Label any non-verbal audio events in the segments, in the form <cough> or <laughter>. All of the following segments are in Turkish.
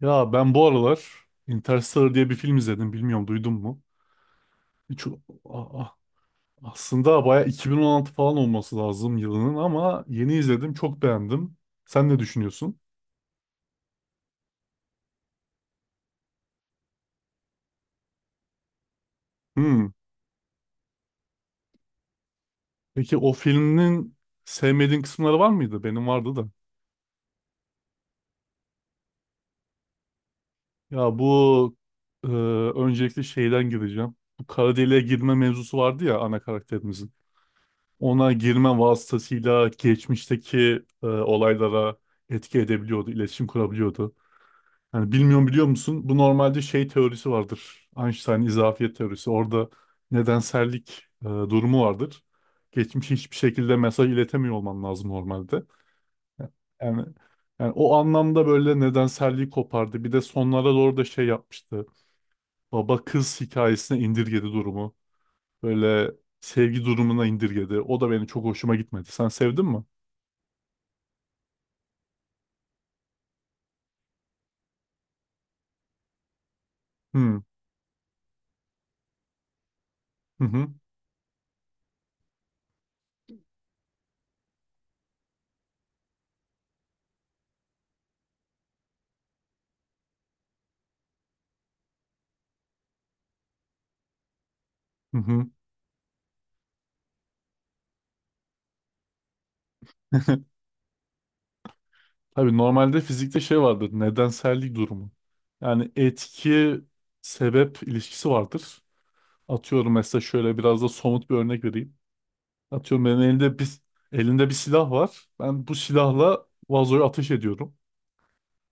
Ya ben bu aralar Interstellar diye bir film izledim. Bilmiyorum duydun mu? Hiç, a- a- Aslında baya 2016 falan olması lazım yılının ama yeni izledim. Çok beğendim. Sen ne düşünüyorsun? Hmm. Peki o filmin sevmediğin kısımları var mıydı? Benim vardı da. Ya bu e, öncelikle şeyden gireceğim. Bu kara deliğe girme mevzusu vardı ya ana karakterimizin. Ona girme vasıtasıyla geçmişteki olaylara etki edebiliyordu, iletişim kurabiliyordu. Hani bilmiyorum biliyor musun? Bu normalde şey teorisi vardır. Einstein izafiyet teorisi. Orada nedensellik durumu vardır. Geçmişe hiçbir şekilde mesaj iletemiyor olman lazım normalde. Yani, yani, o anlamda böyle nedenselliği kopardı. Bir de sonlara doğru da şey yapmıştı. Baba kız hikayesine indirgedi durumu. Böyle sevgi durumuna indirgedi. O da benim çok hoşuma gitmedi. Sen sevdin mi? Hmm. Hı hı hı. Hı. <laughs> Tabii normalde fizikte şey vardır. Nedensellik durumu. Yani etki sebep ilişkisi vardır. Atıyorum mesela şöyle biraz da somut bir örnek vereyim. Atıyorum benim elimde bir elinde bir silah var. Ben bu silahla vazoya ateş ediyorum.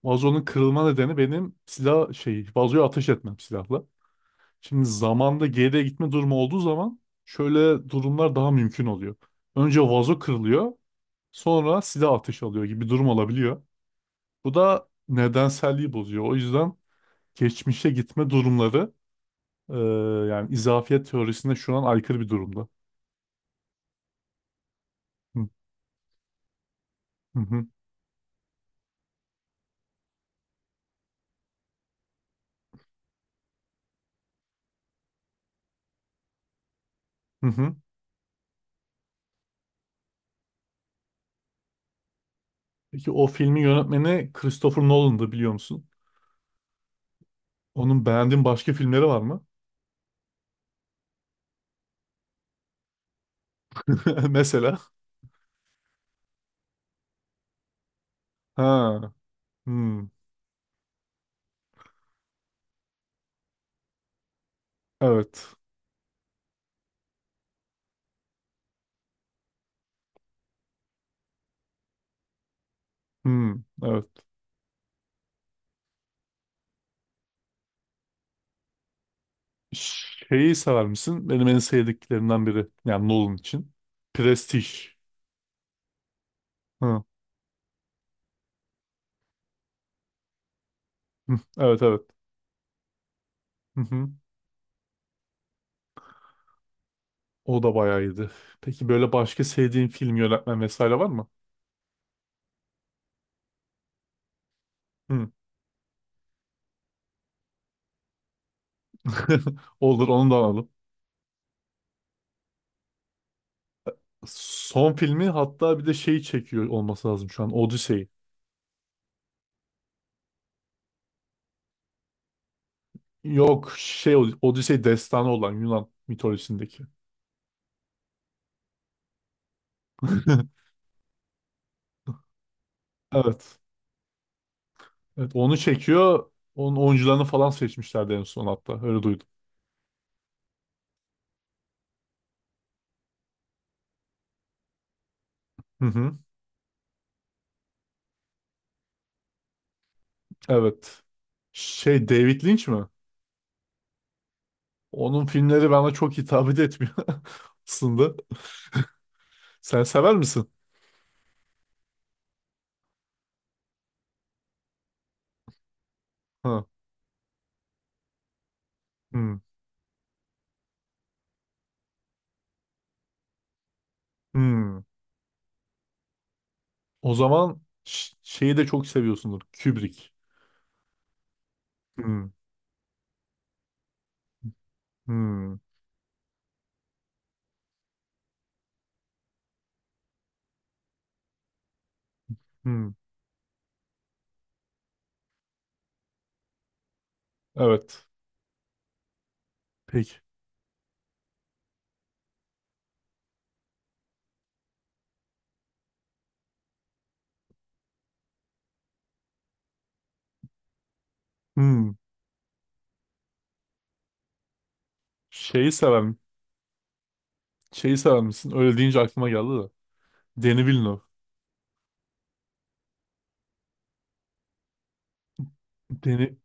Vazonun kırılma nedeni benim silah şey vazoya ateş etmem silahla. Şimdi zamanda geriye gitme durumu olduğu zaman şöyle durumlar daha mümkün oluyor. Önce vazo kırılıyor, sonra silah ateş alıyor gibi bir durum olabiliyor. Bu da nedenselliği bozuyor. O yüzden geçmişe gitme durumları e, yani izafiyet teorisine şu an aykırı bir durumda. Hı, hı, hı, hı. Hı. Peki o filmin yönetmeni Christopher Nolan'dı biliyor musun? Onun beğendiğin başka filmleri var mı? <laughs> Mesela. Ha. Hmm, evet. Hmm, evet. Şeyi sever misin? Benim en sevdiklerimden biri. Yani Nolan için. Prestige. Hı, hı, evet, evet. Hı hı. O da bayağı iyiydi. Peki böyle başka sevdiğin film yönetmen vesaire var mı? Hı. <laughs> Olur onu da alalım. Son filmi hatta bir de şeyi çekiyor olması lazım şu an. Odyssey'i. Yok şey Odyssey destanı olan Yunan mitolojisindeki. <laughs> Evet. Evet onu çekiyor. Onun oyuncularını falan seçmişlerdi en son hatta. Öyle duydum. Hı hı. Evet. Şey David Lynch mi? Onun filmleri bana çok hitap etmiyor <laughs> aslında. Sen sever misin? Ha. Hı. Hı. O zaman şeyi de çok seviyorsundur. Kubrick. Hmm, hmm, hmm. Evet. Peki. Hmm. Şeyi seven, Şeyi seven misin? Öyle deyince aklıma geldi de. Denis Villeneuve. Deni,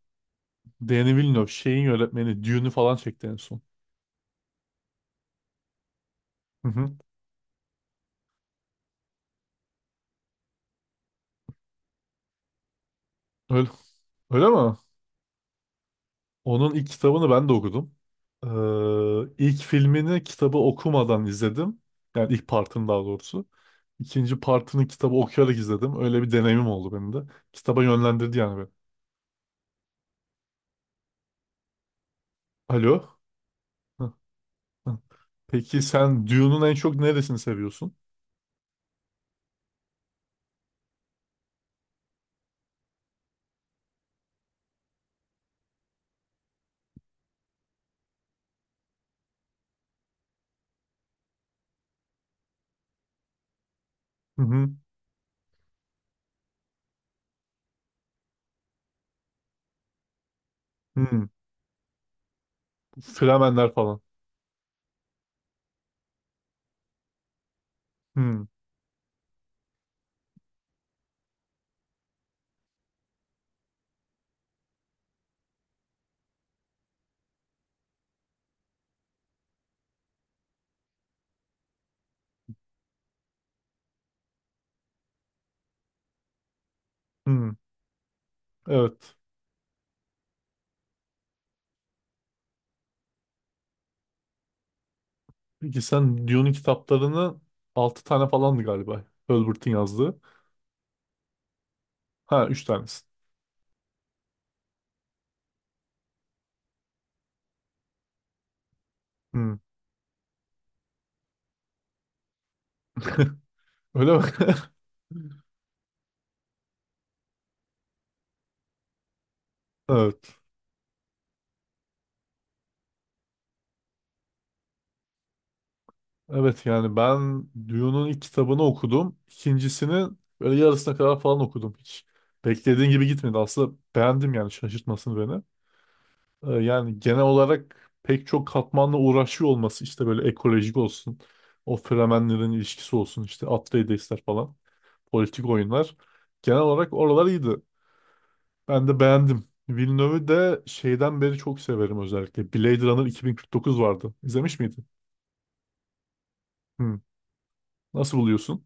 Denis Villeneuve şeyin yönetmeni Dune'u falan çekti en son. Hı hı. Öyle, öyle mi? Onun ilk kitabını ben de okudum. İlk filmini kitabı okumadan izledim. Yani ilk partını daha doğrusu. İkinci partını kitabı okuyarak izledim. Öyle bir deneyimim oldu benim de. Kitaba yönlendirdi yani. Alo. Hı, hı. Peki sen Dune'un en çok neresini seviyorsun? Hı hı. Hı. Fremenler falan. Hı. Hı. Evet. Peki sen Dune'un kitaplarını 6 tane falandı galiba. Herbert'in yazdığı. Ha 3 tanesi. Hı. <laughs> Öyle mi? <laughs> Evet. Evet yani ben Dune'un ilk kitabını okudum. İkincisini böyle yarısına kadar falan okudum. Hiç beklediğin gibi gitmedi. Aslında beğendim yani şaşırtmasını beni. Yani genel olarak pek çok katmanla uğraşıyor olması işte böyle ekolojik olsun, o Fremenlerin ilişkisi olsun, işte Atreides'ler falan, politik oyunlar. Genel olarak oralar iyiydi. Ben de beğendim. Villeneuve'ü de şeyden beri çok severim özellikle. Blade Runner 2049 vardı. İzlemiş miydin? Hı. Nasıl buluyorsun?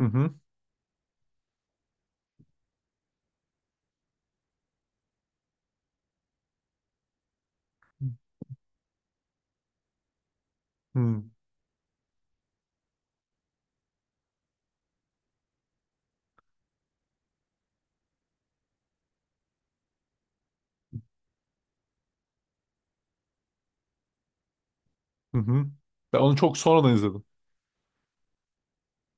Hı hı. Hı hı. Hı. Ben onu çok sonradan izledim.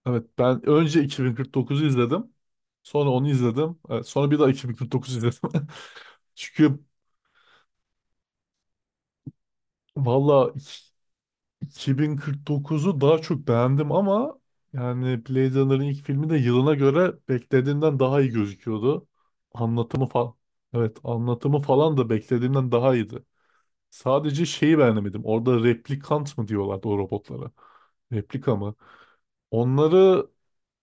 Evet, ben önce 2049'u izledim. Sonra onu izledim. Evet, sonra bir daha 2049 izledim. <laughs> Çünkü Valla 2049'u daha çok beğendim ama yani Blade Runner'ın ilk filmi de yılına göre beklediğimden daha iyi gözüküyordu. Anlatımı falan. Evet, anlatımı falan da beklediğimden daha iyiydi. Sadece şeyi beğenemedim. Orada replikant mı diyorlardı o robotlara? Replika mı? Onları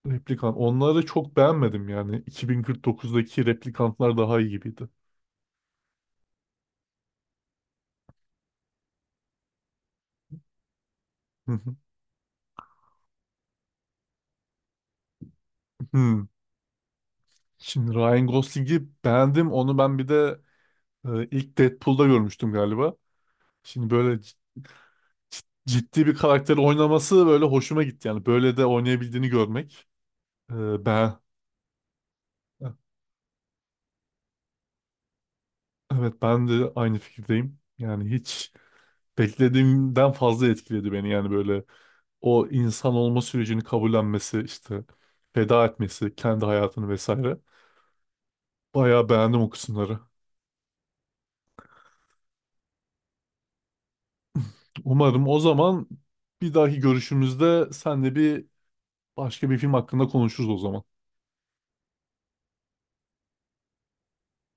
replikan onları çok beğenmedim yani. 2049'daki replikantlar daha iyi gibiydi. <laughs> Hı. Hmm. Şimdi Ryan Gosling'i beğendim. Onu ben bir de İlk Deadpool'da görmüştüm galiba. Şimdi böyle ciddi bir karakteri oynaması böyle hoşuma gitti. Yani böyle de oynayabildiğini görmek. Ben Evet, ben de aynı fikirdeyim. Yani hiç beklediğimden fazla etkiledi beni. Yani böyle o insan olma sürecini kabullenmesi, işte feda etmesi, kendi hayatını vesaire. Bayağı beğendim o kısımları. Umarım o zaman bir dahaki görüşümüzde senle bir başka bir film hakkında konuşuruz o zaman.